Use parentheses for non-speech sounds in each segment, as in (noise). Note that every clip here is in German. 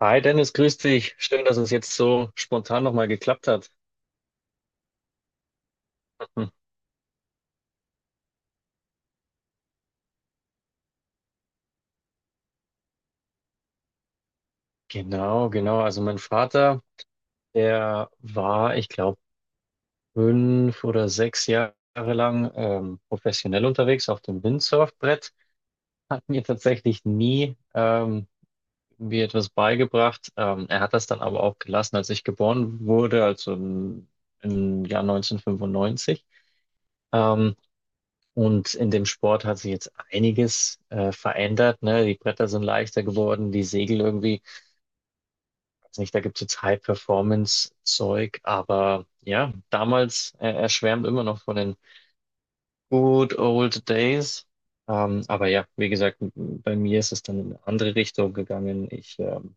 Hi Dennis, grüß dich. Schön, dass es jetzt so spontan nochmal geklappt hat. Hm. Genau, genau. Also mein Vater, der war, ich glaube, 5 oder 6 Jahre lang professionell unterwegs auf dem Windsurfbrett, hat mir tatsächlich nie mir etwas beigebracht. Er hat das dann aber auch gelassen, als ich geboren wurde, also im Jahr 1995. Ähm, Und in dem Sport hat sich jetzt einiges verändert. Ne? Die Bretter sind leichter geworden, die Segel irgendwie, weiß nicht, da gibt es jetzt High-Performance-Zeug, aber ja, damals, er schwärmt immer noch von den good old days. Aber ja, wie gesagt, bei mir ist es dann in eine andere Richtung gegangen. Ich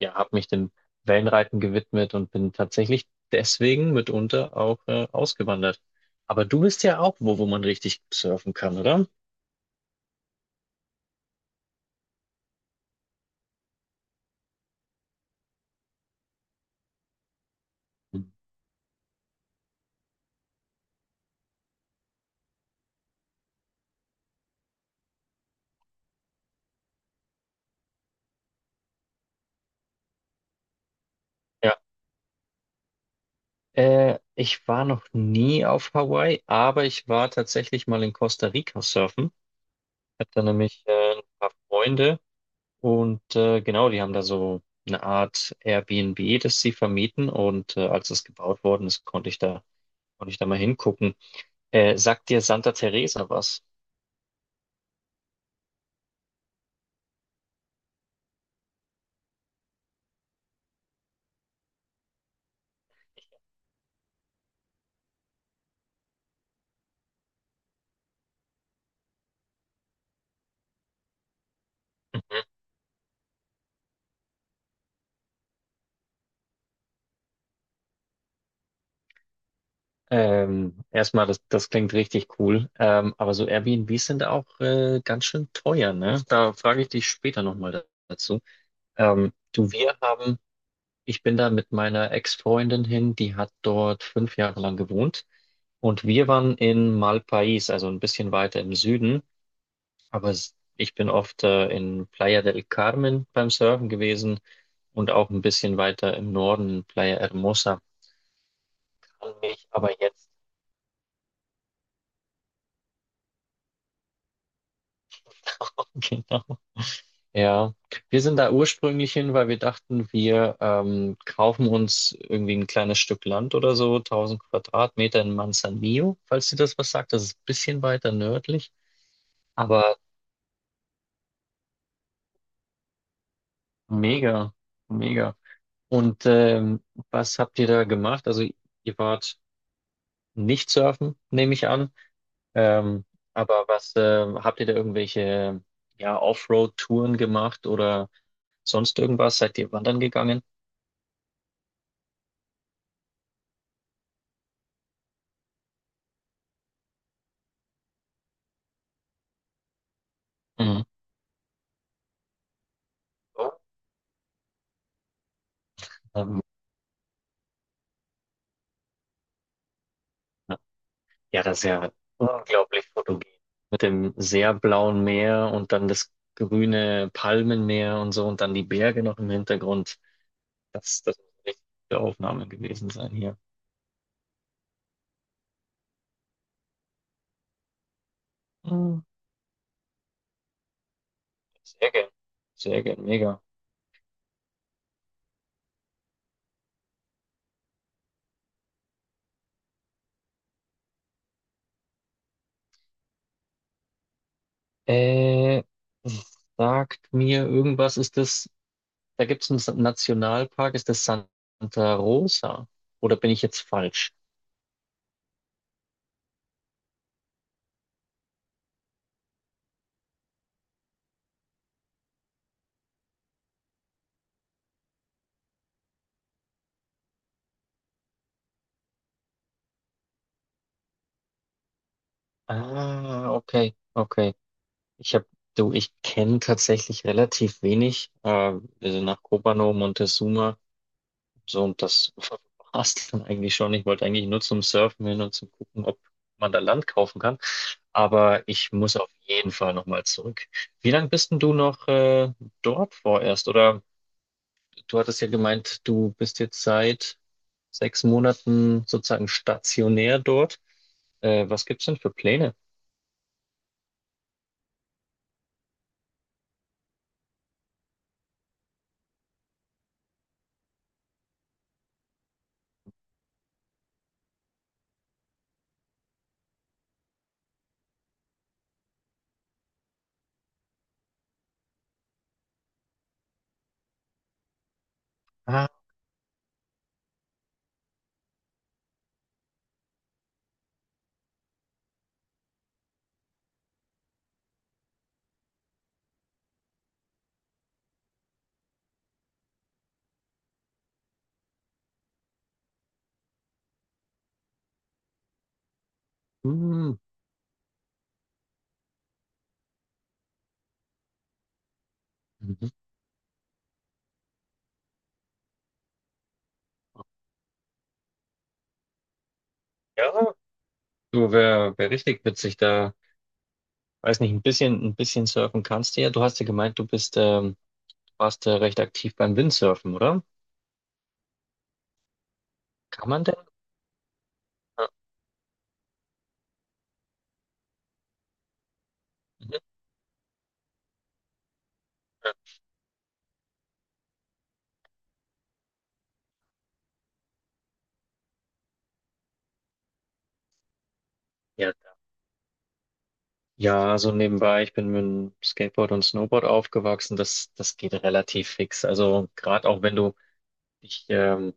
ja, habe mich dem Wellenreiten gewidmet und bin tatsächlich deswegen mitunter auch ausgewandert. Aber du bist ja auch wo, wo man richtig surfen kann, oder? Ja. Ich war noch nie auf Hawaii, aber ich war tatsächlich mal in Costa Rica surfen. Ich hab da nämlich ein paar Freunde und genau, die haben da so eine Art Airbnb, das sie vermieten und als es gebaut worden ist, konnte ich da mal hingucken. Sagt dir Santa Teresa was? Erstmal, das, das klingt richtig cool, aber so Airbnbs sind auch ganz schön teuer, ne? Da frage ich dich später nochmal dazu. Du, wir haben Ich bin da mit meiner Ex-Freundin hin, die hat dort 5 Jahre lang gewohnt und wir waren in Malpaís, also ein bisschen weiter im Süden, aber ich bin oft in Playa del Carmen beim Surfen gewesen und auch ein bisschen weiter im Norden, Playa Hermosa. Kann mich aber jetzt, (laughs) genau. Ja, wir sind da ursprünglich hin, weil wir dachten, wir kaufen uns irgendwie ein kleines Stück Land oder so, 1000 Quadratmeter in Manzanillo, falls dir das was sagt. Das ist ein bisschen weiter nördlich. Aber mega, mega. Und was habt ihr da gemacht? Also ihr wart nicht surfen, nehme ich an. Ähm, aber was habt ihr da irgendwelche ja, Offroad-Touren gemacht oder sonst irgendwas? Seid ihr wandern gegangen? Mhm. Ähm, ja, das ist ja unglaublich fotogen. Mit dem sehr blauen Meer und dann das grüne Palmenmeer und so und dann die Berge noch im Hintergrund. Das, das muss eine richtige Aufnahme gewesen sein hier. Sehr gern. Sehr gern, mega. Äh, sagt mir irgendwas, ist das, da gibt es einen Nationalpark, ist das Santa Rosa? Oder bin ich jetzt falsch? Ah, okay, okay. Ich habe, du, ich kenne tatsächlich relativ wenig. Also nach Copa no Montezuma. So, und das war's dann eigentlich schon. Ich wollte eigentlich nur zum Surfen hin und zum Gucken, ob man da Land kaufen kann. Aber ich muss auf jeden Fall nochmal zurück. Wie lange bist denn du noch dort vorerst? Oder du hattest ja gemeint, du bist jetzt seit 6 Monaten sozusagen stationär dort. Was gibt's denn für Pläne? Ah, hm. Mhm. Ja, wär richtig witzig da. Weiß nicht, ein bisschen surfen kannst du ja. Du hast ja gemeint, du bist warst du recht aktiv beim Windsurfen, oder? Kann man denn? Ja, mhm. Ja, klar. Ja, also nebenbei, ich bin mit dem Skateboard und Snowboard aufgewachsen. Das, das geht relativ fix. Also gerade auch wenn du dich, ähm,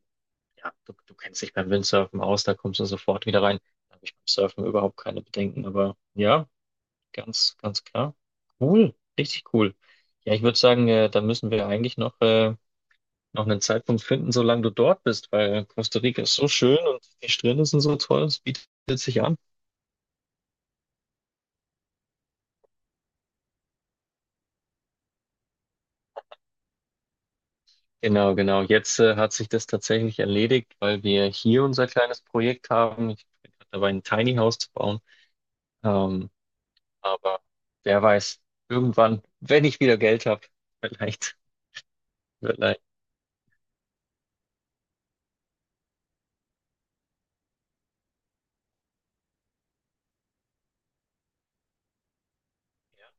ja, du kennst dich beim Windsurfen aus, da kommst du sofort wieder rein. Da habe ich beim Surfen überhaupt keine Bedenken. Aber ja, ganz, ganz klar. Cool, richtig cool. Ja, ich würde sagen, da müssen wir eigentlich noch noch einen Zeitpunkt finden, solange du dort bist, weil Costa Rica ist so schön und die Strände sind so toll, es bietet sich an. Genau, genau. Jetzt hat sich das tatsächlich erledigt, weil wir hier unser kleines Projekt haben. Ich bin gerade dabei, ein Tiny House zu bauen. Ähm, aber wer weiß, irgendwann, wenn ich wieder Geld habe, vielleicht, vielleicht. Ja.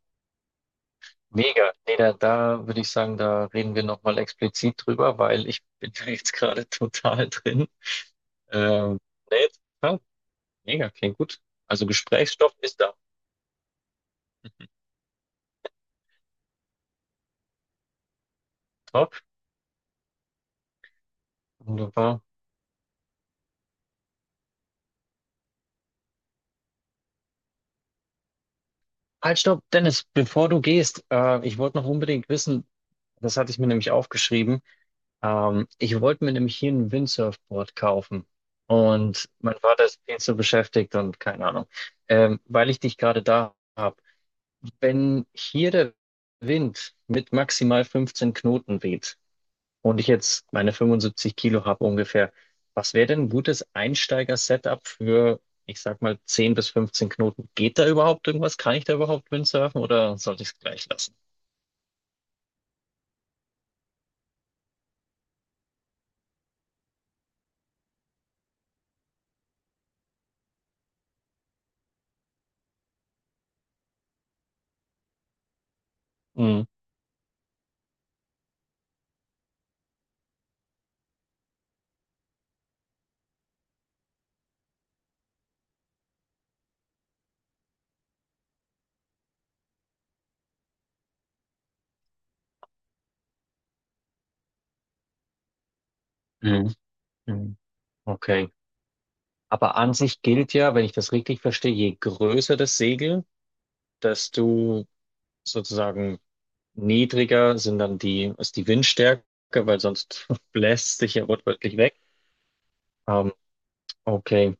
Mega. Nee, da, da würde ich sagen, da reden wir nochmal explizit drüber, weil ich bin da jetzt gerade (laughs) total drin. Ähm, nee, total Mega, klingt gut. Also Gesprächsstoff ist da. Top. Wunderbar. Halt, stopp, Dennis, bevor du gehst, ich wollte noch unbedingt wissen, das hatte ich mir nämlich aufgeschrieben, ich wollte mir nämlich hier ein Windsurfboard kaufen. Und mein Vater ist viel zu beschäftigt und keine Ahnung. Weil ich dich gerade da habe. Wenn hier der Wind mit maximal 15 Knoten weht, und ich jetzt meine 75 Kilo habe ungefähr, was wäre denn ein gutes Einsteiger-Setup für, ich sag mal, 10 bis 15 Knoten? Geht da überhaupt irgendwas? Kann ich da überhaupt Windsurfen oder sollte ich es gleich lassen? Mhm. Mhm. Mhm. Okay. Aber an sich gilt ja, wenn ich das richtig verstehe, je größer das Segel, desto sozusagen niedriger sind dann die, ist die Windstärke, weil sonst (laughs) bläst sich ja wortwörtlich weg. Ähm, okay.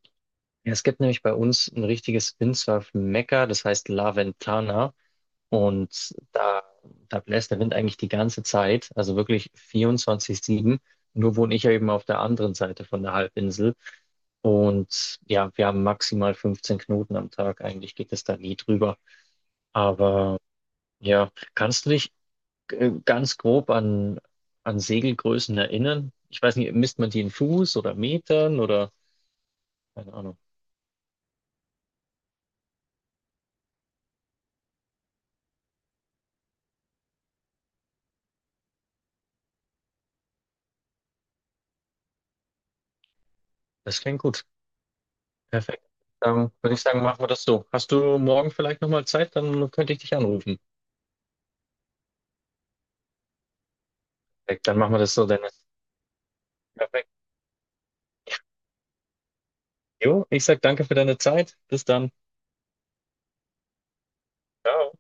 Ja, es gibt nämlich bei uns ein richtiges Windsurf-Mekka, das heißt La Ventana. Und da, da bläst der Wind eigentlich die ganze Zeit, also wirklich 24/7. Nur wohne ich ja eben auf der anderen Seite von der Halbinsel. Und ja, wir haben maximal 15 Knoten am Tag. Eigentlich geht es da nie drüber. Aber ja, kannst du dich ganz grob an Segelgrößen erinnern? Ich weiß nicht, misst man die in Fuß oder Metern oder keine Ahnung. Das klingt gut. Perfekt. Dann würde ich sagen, machen wir das so. Hast du morgen vielleicht nochmal Zeit? Dann könnte ich dich anrufen. Perfekt, dann machen wir das so, Dennis. Perfekt. Jo, ich sag danke für deine Zeit. Bis dann. Ciao.